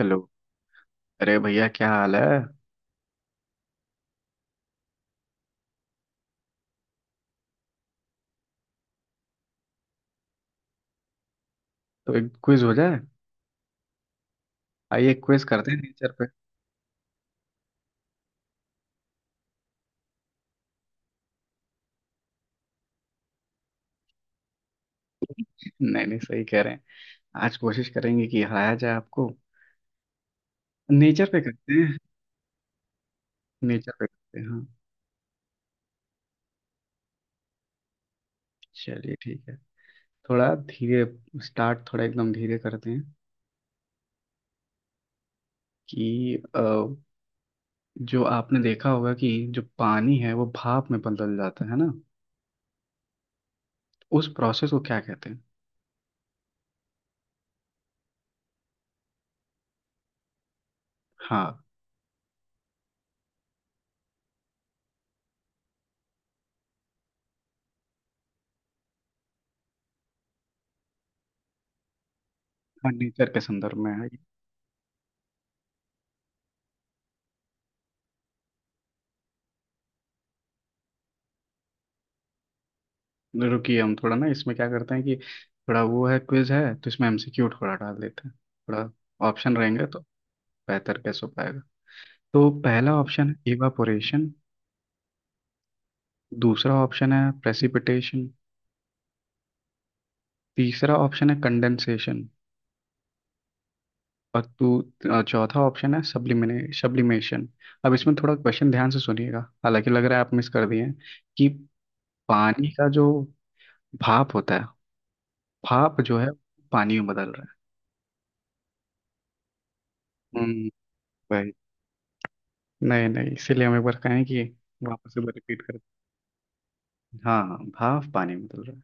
Hello. अरे भैया क्या हाल है। तो एक क्विज हो जाए। आइए क्विज करते हैं नेचर पे। नहीं नहीं, सही कह रहे हैं। आज कोशिश करेंगे कि हराया जाए आपको। नेचर पे करते हैं। नेचर पे करते हैं, हाँ। चलिए ठीक है। थोड़ा धीरे। स्टार्ट थोड़ा एकदम धीरे करते हैं। कि जो आपने देखा होगा कि जो पानी है वो भाप में बदल जाता है ना। उस प्रोसेस को क्या कहते हैं। हाँ हाँ, नेचर के संदर्भ में है। रुकिए, हम थोड़ा ना इसमें क्या करते हैं कि थोड़ा, वो है क्विज है तो इसमें एमसीक्यू थोड़ा डाल देते हैं। थोड़ा ऑप्शन रहेंगे तो बेहतर कैसे हो पाएगा। तो पहला ऑप्शन है इवापोरेशन। दूसरा ऑप्शन है प्रेसिपिटेशन। तीसरा ऑप्शन है कंडेंसेशन। और चौथा ऑप्शन है सब्लिमिने सब्लिमेशन। अब इसमें थोड़ा क्वेश्चन ध्यान से सुनिएगा। हालांकि लग रहा है आप मिस कर दिए हैं। कि पानी का जो भाप होता है, भाप जो है पानी में बदल रहा है। हम्म। भाई नहीं नहीं, इसीलिए हम एक बार कहें कि वापस से रिपीट कर। हाँ हाँ, भाप पानी में बदल रहा है।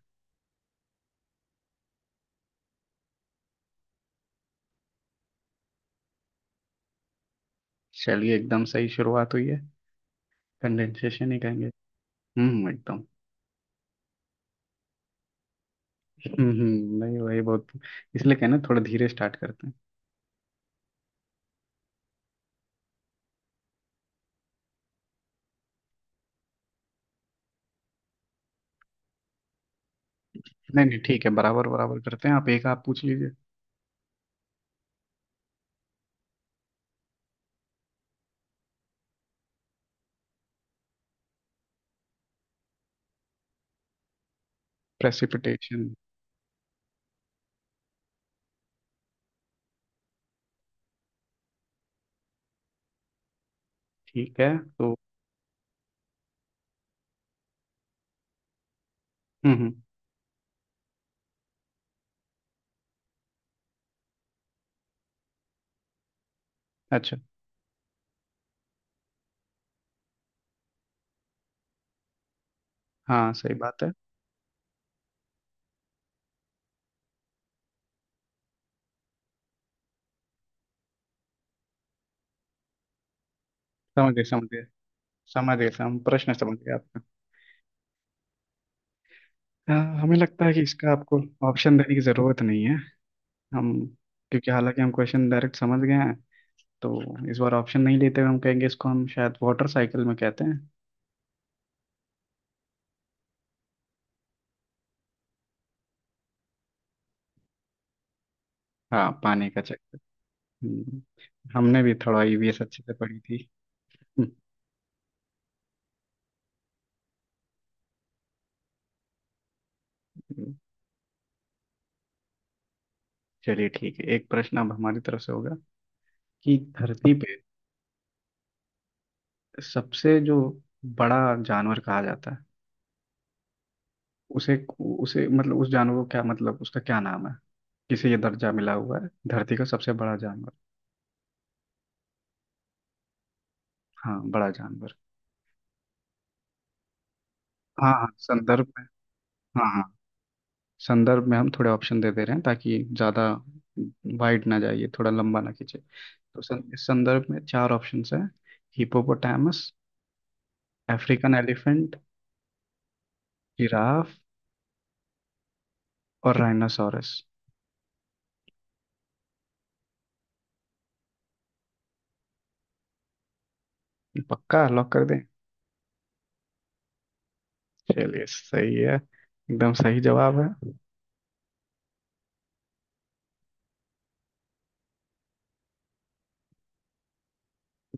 चलिए, एकदम सही शुरुआत हुई है। कंडेंसेशन ही कहेंगे। हम्म, एकदम। नहीं वही बहुत, इसलिए कहना थोड़ा धीरे स्टार्ट करते हैं। नहीं नहीं, ठीक है, बराबर बराबर करते हैं, आप एक आप पूछ लीजिए। प्रेसिपिटेशन। ठीक है तो। हम्म हम्म, अच्छा। हाँ, सही बात है। समझ गए समझ गए, समझ गए हम प्रश्न समझ गए आपका। हाँ, हमें लगता है कि इसका आपको ऑप्शन देने की जरूरत नहीं है। हम, क्योंकि हालांकि हम क्वेश्चन डायरेक्ट समझ गए हैं, तो इस बार ऑप्शन नहीं लेते हुए हम कहेंगे इसको हम शायद वाटर साइकिल में कहते हैं। हाँ, पानी का चक्कर। हम्म, हमने भी थोड़ा ईवीएस अच्छे से पढ़ी थी। हम्म, चलिए ठीक है, एक प्रश्न अब हमारी तरफ से होगा। कि धरती पे सबसे जो बड़ा जानवर कहा जाता है, उसे उसे मतलब उस जानवर को क्या, मतलब उसका क्या नाम है। किसे ये दर्जा मिला हुआ है धरती का सबसे बड़ा जानवर। हाँ, बड़ा जानवर। हाँ हाँ, संदर्भ में। हाँ, संदर्भ में हम थोड़े ऑप्शन दे दे रहे हैं ताकि ज़्यादा वाइड ना जाइए, थोड़ा लंबा ना खींचे, तो इस संदर्भ में चार ऑप्शंस हैं। हिपोपोटामस, अफ्रीकन एलिफेंट, जिराफ और राइनासोरस। पक्का लॉक कर दें। चलिए, सही है, एकदम सही जवाब है।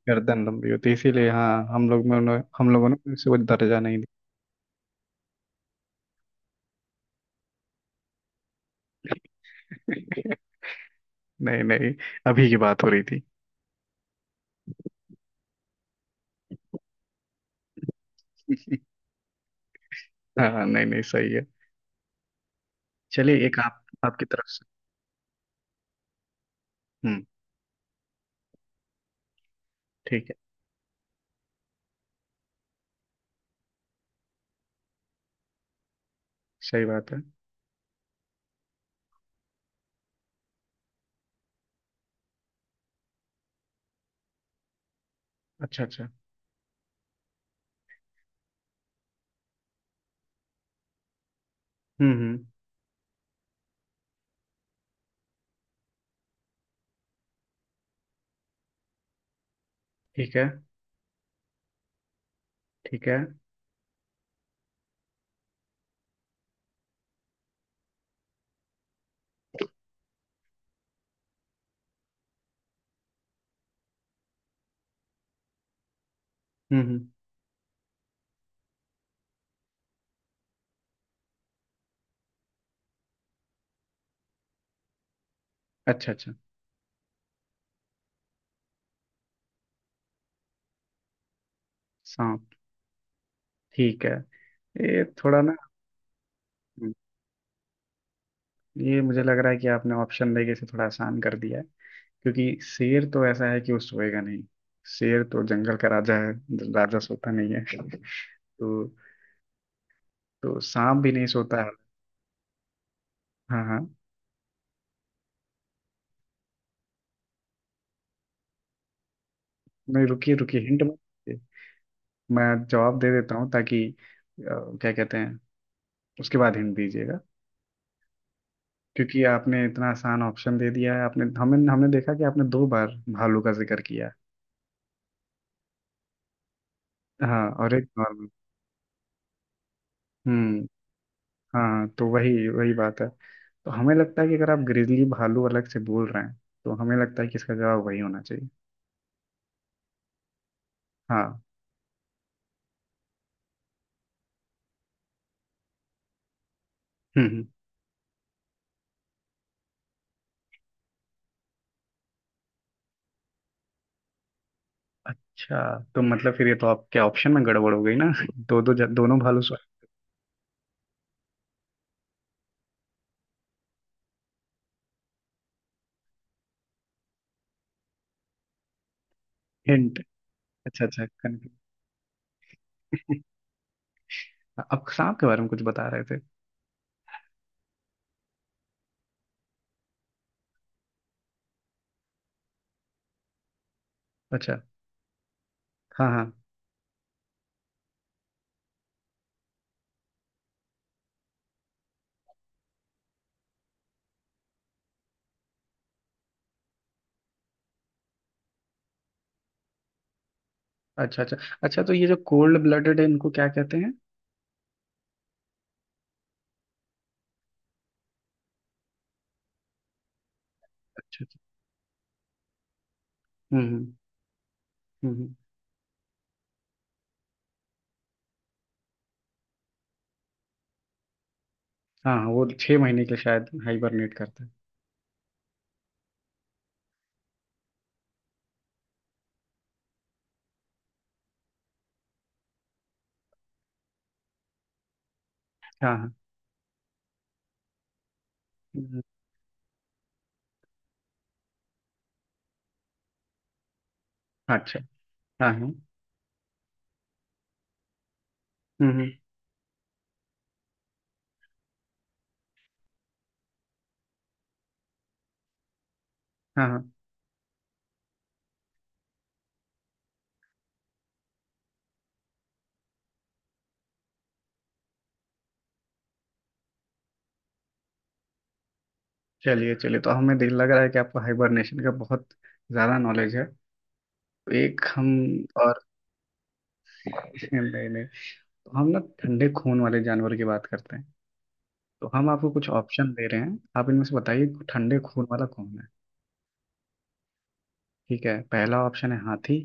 गर्दन लंबी होती है इसीलिए, हाँ, हम लोगों ने उसे वो दर्जा नहीं दिया। नहीं नहीं, अभी की बात हो रही थी। हाँ नहीं नहीं, सही है। चलिए, एक आप आपकी तरफ से। हम्म। ठीक है, सही बात है। अच्छा अच्छा। हम्म हम्म, ठीक है ठीक है। हम्म, अच्छा अच्छा। सांप। ठीक है। ये थोड़ा ना। हम्म, ये मुझे लग रहा है कि आपने ऑप्शन देके इसे थोड़ा आसान कर दिया है। क्योंकि शेर तो ऐसा है कि वो सोएगा नहीं। शेर तो जंगल का राजा है। राजा सोता नहीं है। तो। तो सांप भी नहीं सोता है। हाँ हाँ। नहीं, रुकिए रुकिए, हिंट मत दीजिए। मैं जवाब दे देता हूँ ताकि, क्या कहते हैं, उसके बाद हिंट दीजिएगा। क्योंकि आपने इतना आसान ऑप्शन दे दिया है, आपने, हमने हमने देखा कि आपने दो बार भालू का जिक्र किया है। हाँ, और एक नॉर्मल। हम्म। हाँ, तो वही वही बात है, तो हमें लगता है कि अगर आप ग्रिजली भालू अलग से बोल रहे हैं तो हमें लगता है कि इसका जवाब वही होना चाहिए। हाँ। हम्म हम्म। अच्छा, तो मतलब फिर ये तो आपके ऑप्शन में गड़बड़ हो गई ना। दो दो, दोनों भालू, सॉरी। हिंट। अच्छा अच्छा, confuse। आप सांप के बारे में कुछ बता रहे थे। अच्छा। हाँ हाँ। अच्छा अच्छा। अच्छा, तो ये जो कोल्ड ब्लडेड है इनको क्या कहते हैं। अच्छा अच्छा। हम्म हम्म। हम्म, हम्म। हाँ हाँ, वो 6 महीने के शायद हाइबरनेट करता है। हाँ हाँ। हम्म, अच्छा। हाँ हाँ। हम्म हम्म, हाँ हाँ। चलिए चलिए, तो हमें दिल लग रहा है कि आपको हाइबरनेशन का बहुत ज़्यादा नॉलेज है। तो एक हम और। नहीं नहीं। तो हम ना ठंडे खून वाले जानवर की बात करते हैं। तो हम आपको कुछ ऑप्शन दे रहे हैं, आप इनमें से बताइए ठंडे खून वाला कौन है। ठीक है, पहला ऑप्शन है हाथी।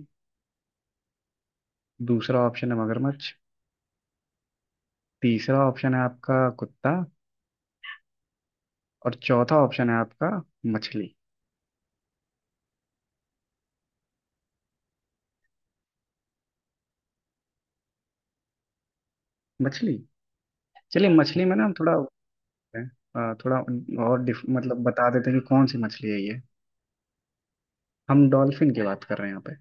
दूसरा ऑप्शन है मगरमच्छ। तीसरा ऑप्शन है आपका कुत्ता। और चौथा ऑप्शन है आपका मछली। मछली। चलिए, मछली में ना हम थोड़ा, थोड़ा और डिफ मतलब बता देते हैं कि कौन सी मछली है ये। हम डॉल्फिन की बात कर रहे हैं यहाँ पे।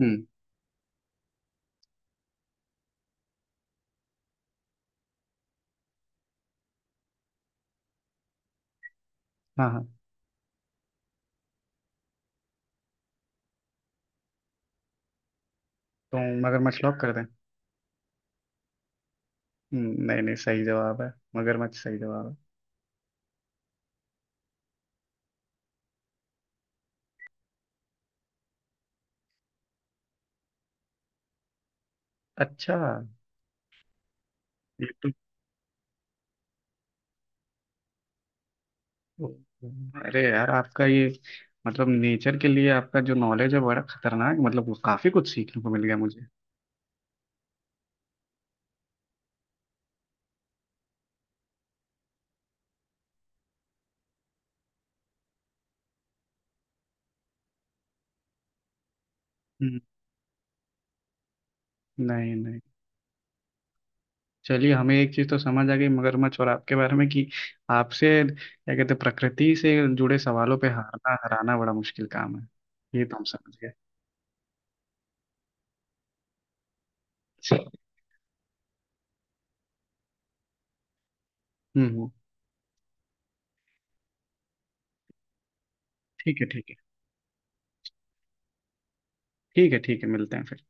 हम्म। हाँ हाँ। तो मगरमच्छ लॉक कर दें। नहीं नहीं, सही जवाब है, मगरमच्छ सही जवाब है। अच्छा, ये तो, अरे यार आपका ये, मतलब नेचर के लिए आपका जो नॉलेज है बड़ा खतरनाक, मतलब वो काफी कुछ सीखने को मिल गया मुझे। हम्म, नहीं नहीं, चलिए, हमें एक चीज तो समझ आ गई मगरमच्छ और आपके बारे में कि आपसे, क्या कहते हैं, प्रकृति से जुड़े सवालों पे हारना हराना बड़ा मुश्किल काम है। ये तो हम समझ गए। हम्म हम्म, ठीक है ठीक है। ठीक है ठीक है, मिलते हैं फिर।